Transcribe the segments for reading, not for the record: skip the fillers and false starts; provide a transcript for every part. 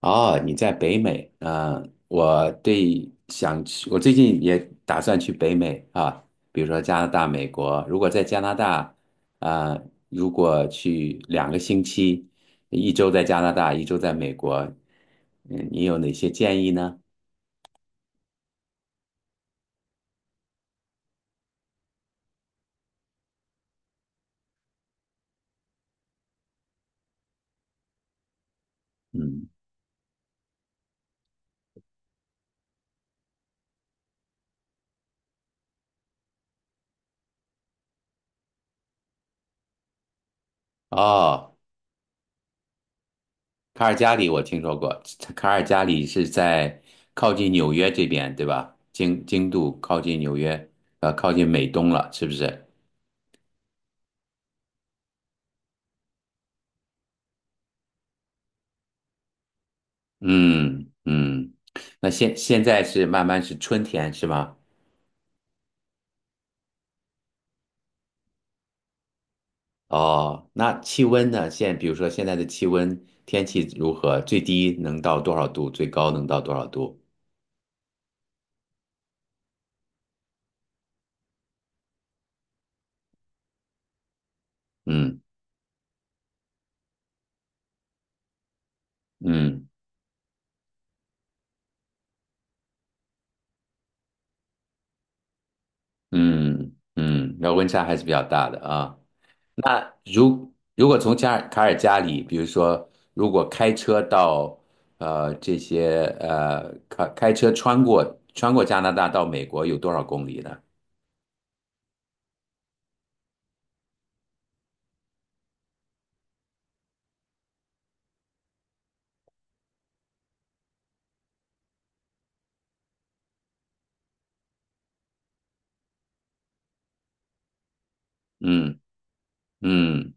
哦，你在北美，我对想去，我最近也打算去北美啊，比如说加拿大、美国。如果在加拿大，啊、如果去2个星期，一周在加拿大，一周在美国，你有哪些建议呢？嗯。哦，卡尔加里我听说过，卡尔加里是在靠近纽约这边，对吧？经度靠近纽约，靠近美东了，是不是？嗯嗯。那现在是慢慢是春天是吗？哦，那气温呢？比如说现在的气温，天气如何？最低能到多少度？最高能到多少度？嗯嗯嗯嗯。那温差还是比较大的啊。那如果从卡尔加里，比如说如果开车到呃这些呃开车穿过加拿大到美国有多少公里呢？嗯嗯。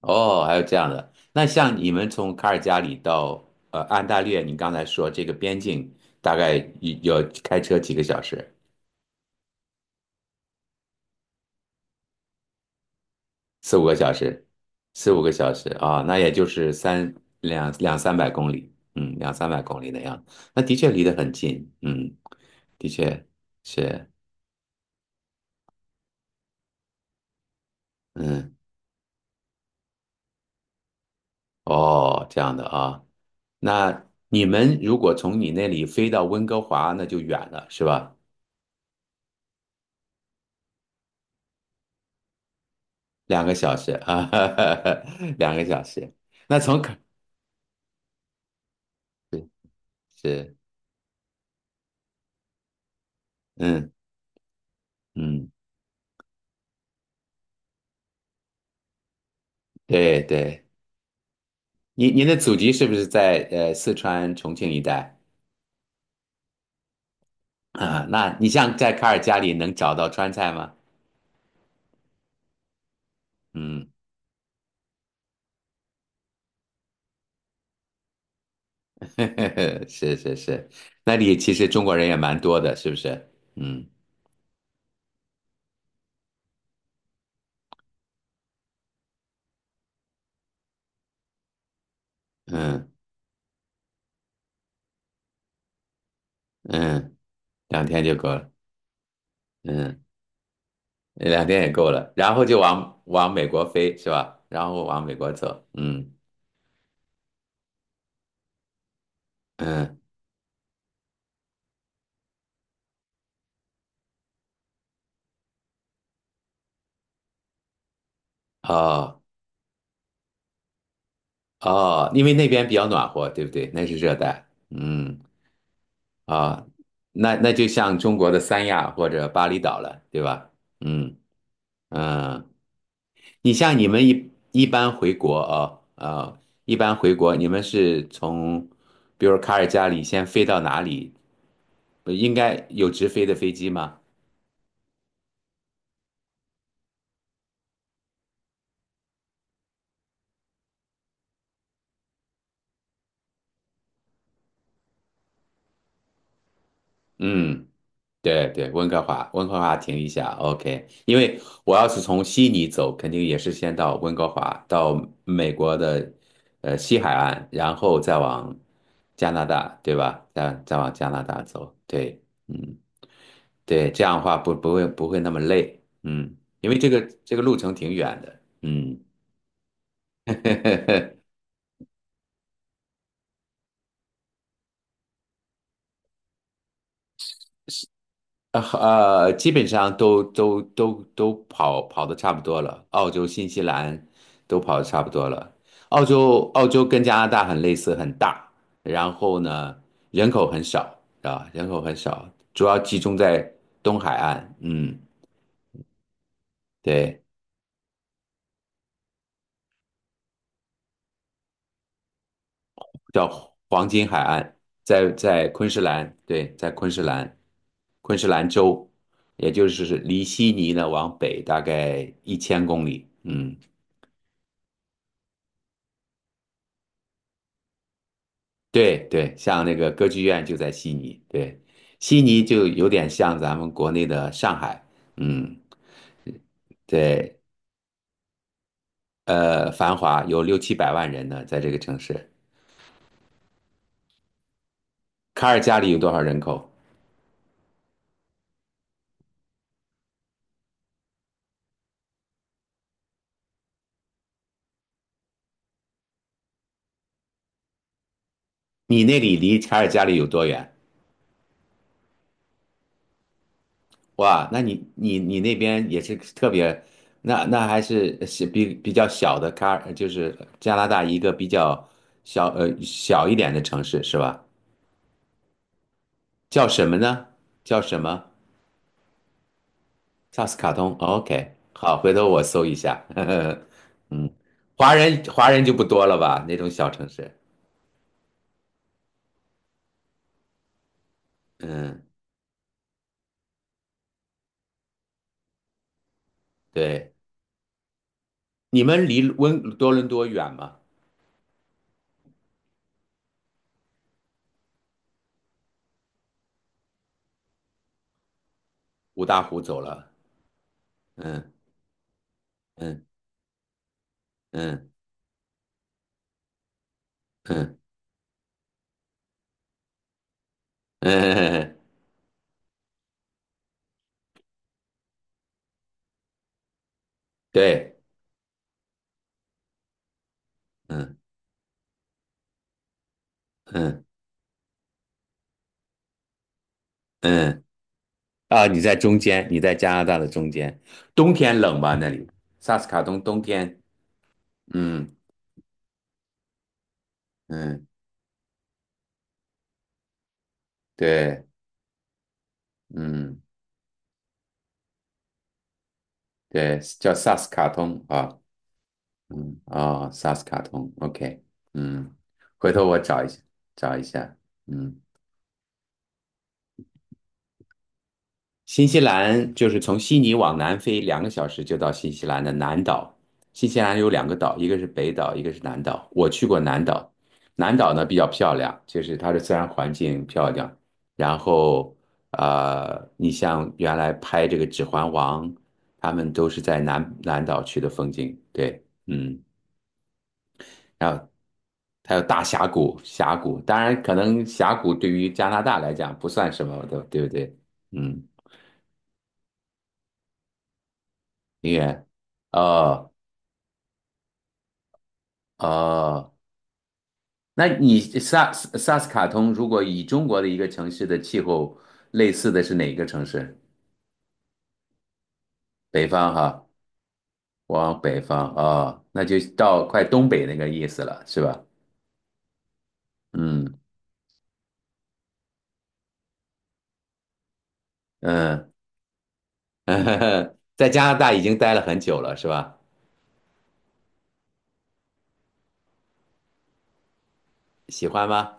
哦，还有这样的。那像你们从卡尔加里到安大略，你刚才说这个边境大概有要开车几个小时？四五个小时，四五个小时啊，那也就是两三百公里，嗯，两三百公里那样子。那的确离得很近，嗯，的确是，嗯，哦，这样的啊。那你们如果从你那里飞到温哥华，那就远了，是吧？2个小时啊，两个小时。那从是是，嗯嗯，对对，您的祖籍是不是在四川重庆一带啊？那你像在卡尔加里能找到川菜吗？嗯，是是是。那里其实中国人也蛮多的，是不是？嗯嗯嗯。两天就够了，嗯，两天也够了，然后就往美国飞是吧？然后往美国走，嗯嗯。哦哦，因为那边比较暖和，对不对？那是热带，嗯，啊、那就像中国的三亚或者巴厘岛了，对吧？嗯嗯。你像你们一般回国一般回国，你们是从比如卡尔加里先飞到哪里？应该有直飞的飞机吗？嗯，对对，温哥华，温哥华停一下，OK。因为我要是从悉尼走，肯定也是先到温哥华，到美国的西海岸，然后再往加拿大，对吧？再往加拿大走，对，嗯，对，这样的话不会那么累，嗯，因为这个路程挺远的，嗯。基本上都跑的差不多了，澳洲、新西兰都跑的差不多了。澳洲跟加拿大很类似，很大，然后呢，人口很少啊，人口很少，主要集中在东海岸，嗯，对，叫黄金海岸，在昆士兰，对，在昆士兰，昆士兰州，也就是离悉尼呢往北大概1,000公里，嗯。对对，像那个歌剧院就在悉尼，对，悉尼就有点像咱们国内的上海，嗯，对，繁华有六七百万人呢，在这个城市。卡尔加里有多少人口？你那里离卡尔加里有多远？哇，那你那边也是特别，那还是比较小的卡尔，就是加拿大一个比较小呃小一点的城市是吧？叫什么呢？叫什么？萨斯卡通，OK，好，回头我搜一下。嗯，华人就不多了吧？那种小城市，嗯，对。你们离多伦多远吗？五大湖走了，嗯嗯嗯嗯嗯，对，嗯嗯嗯，啊，你在中间，你在加拿大的中间，冬天冷吧？那里，萨斯卡通冬天，嗯嗯，对，嗯，对，叫萨斯卡通啊。嗯，哦，萨斯卡通，OK，嗯，回头我找一下，找一下，嗯。新西兰就是从悉尼往南飞两个小时就到新西兰的南岛。新西兰有两个岛，一个是北岛，一个是南岛。我去过南岛，南岛呢比较漂亮，就是它的自然环境漂亮。然后，你像原来拍这个《指环王》，他们都是在南岛去的风景。对，嗯，然后还有大峡谷，峡谷，当然可能峡谷对于加拿大来讲不算什么的，对不对？嗯，音乐。哦，哦，那你萨斯卡通如果以中国的一个城市的气候类似的是哪个城市？北方哈，往北方啊，哦，那就到快东北那个意思了，是吧？嗯嗯，在加拿大已经待了很久了，是吧？喜欢吗？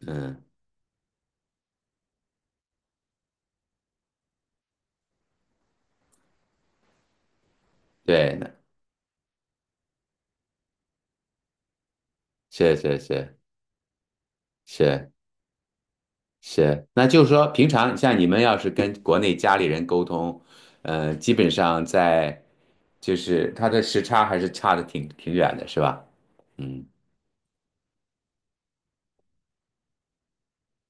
嗯，对，那是是是，是是，那就是说，平常像你们要是跟国内家里人沟通，基本上在就是它的时差还是差的挺远的，是吧？嗯，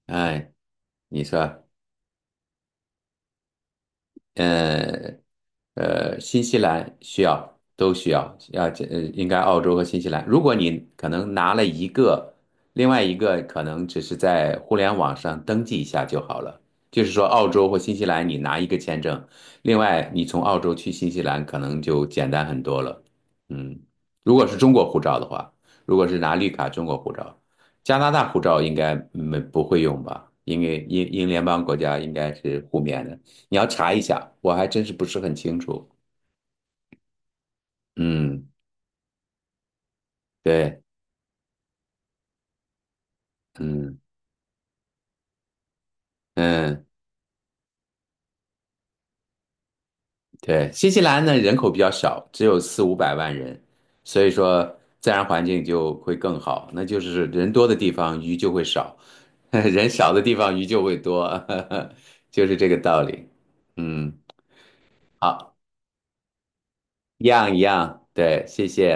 哎，你说。呃新西兰需要都需要，要应该澳洲和新西兰。如果你可能拿了一个，另外一个可能只是在互联网上登记一下就好了。就是说，澳洲或新西兰你拿一个签证，另外你从澳洲去新西兰可能就简单很多了。嗯，如果是中国护照的话，如果是拿绿卡中国护照，加拿大护照应该没不会用吧？因为英联邦国家应该是互免的。你要查一下，我还真是不是很清楚。嗯，对，嗯嗯，对，新西兰呢人口比较少，只有四五百万人，所以说自然环境就会更好。那就是人多的地方鱼就会少，人少的地方鱼就会多，就是这个道理。嗯，好，一样一样，对，谢谢。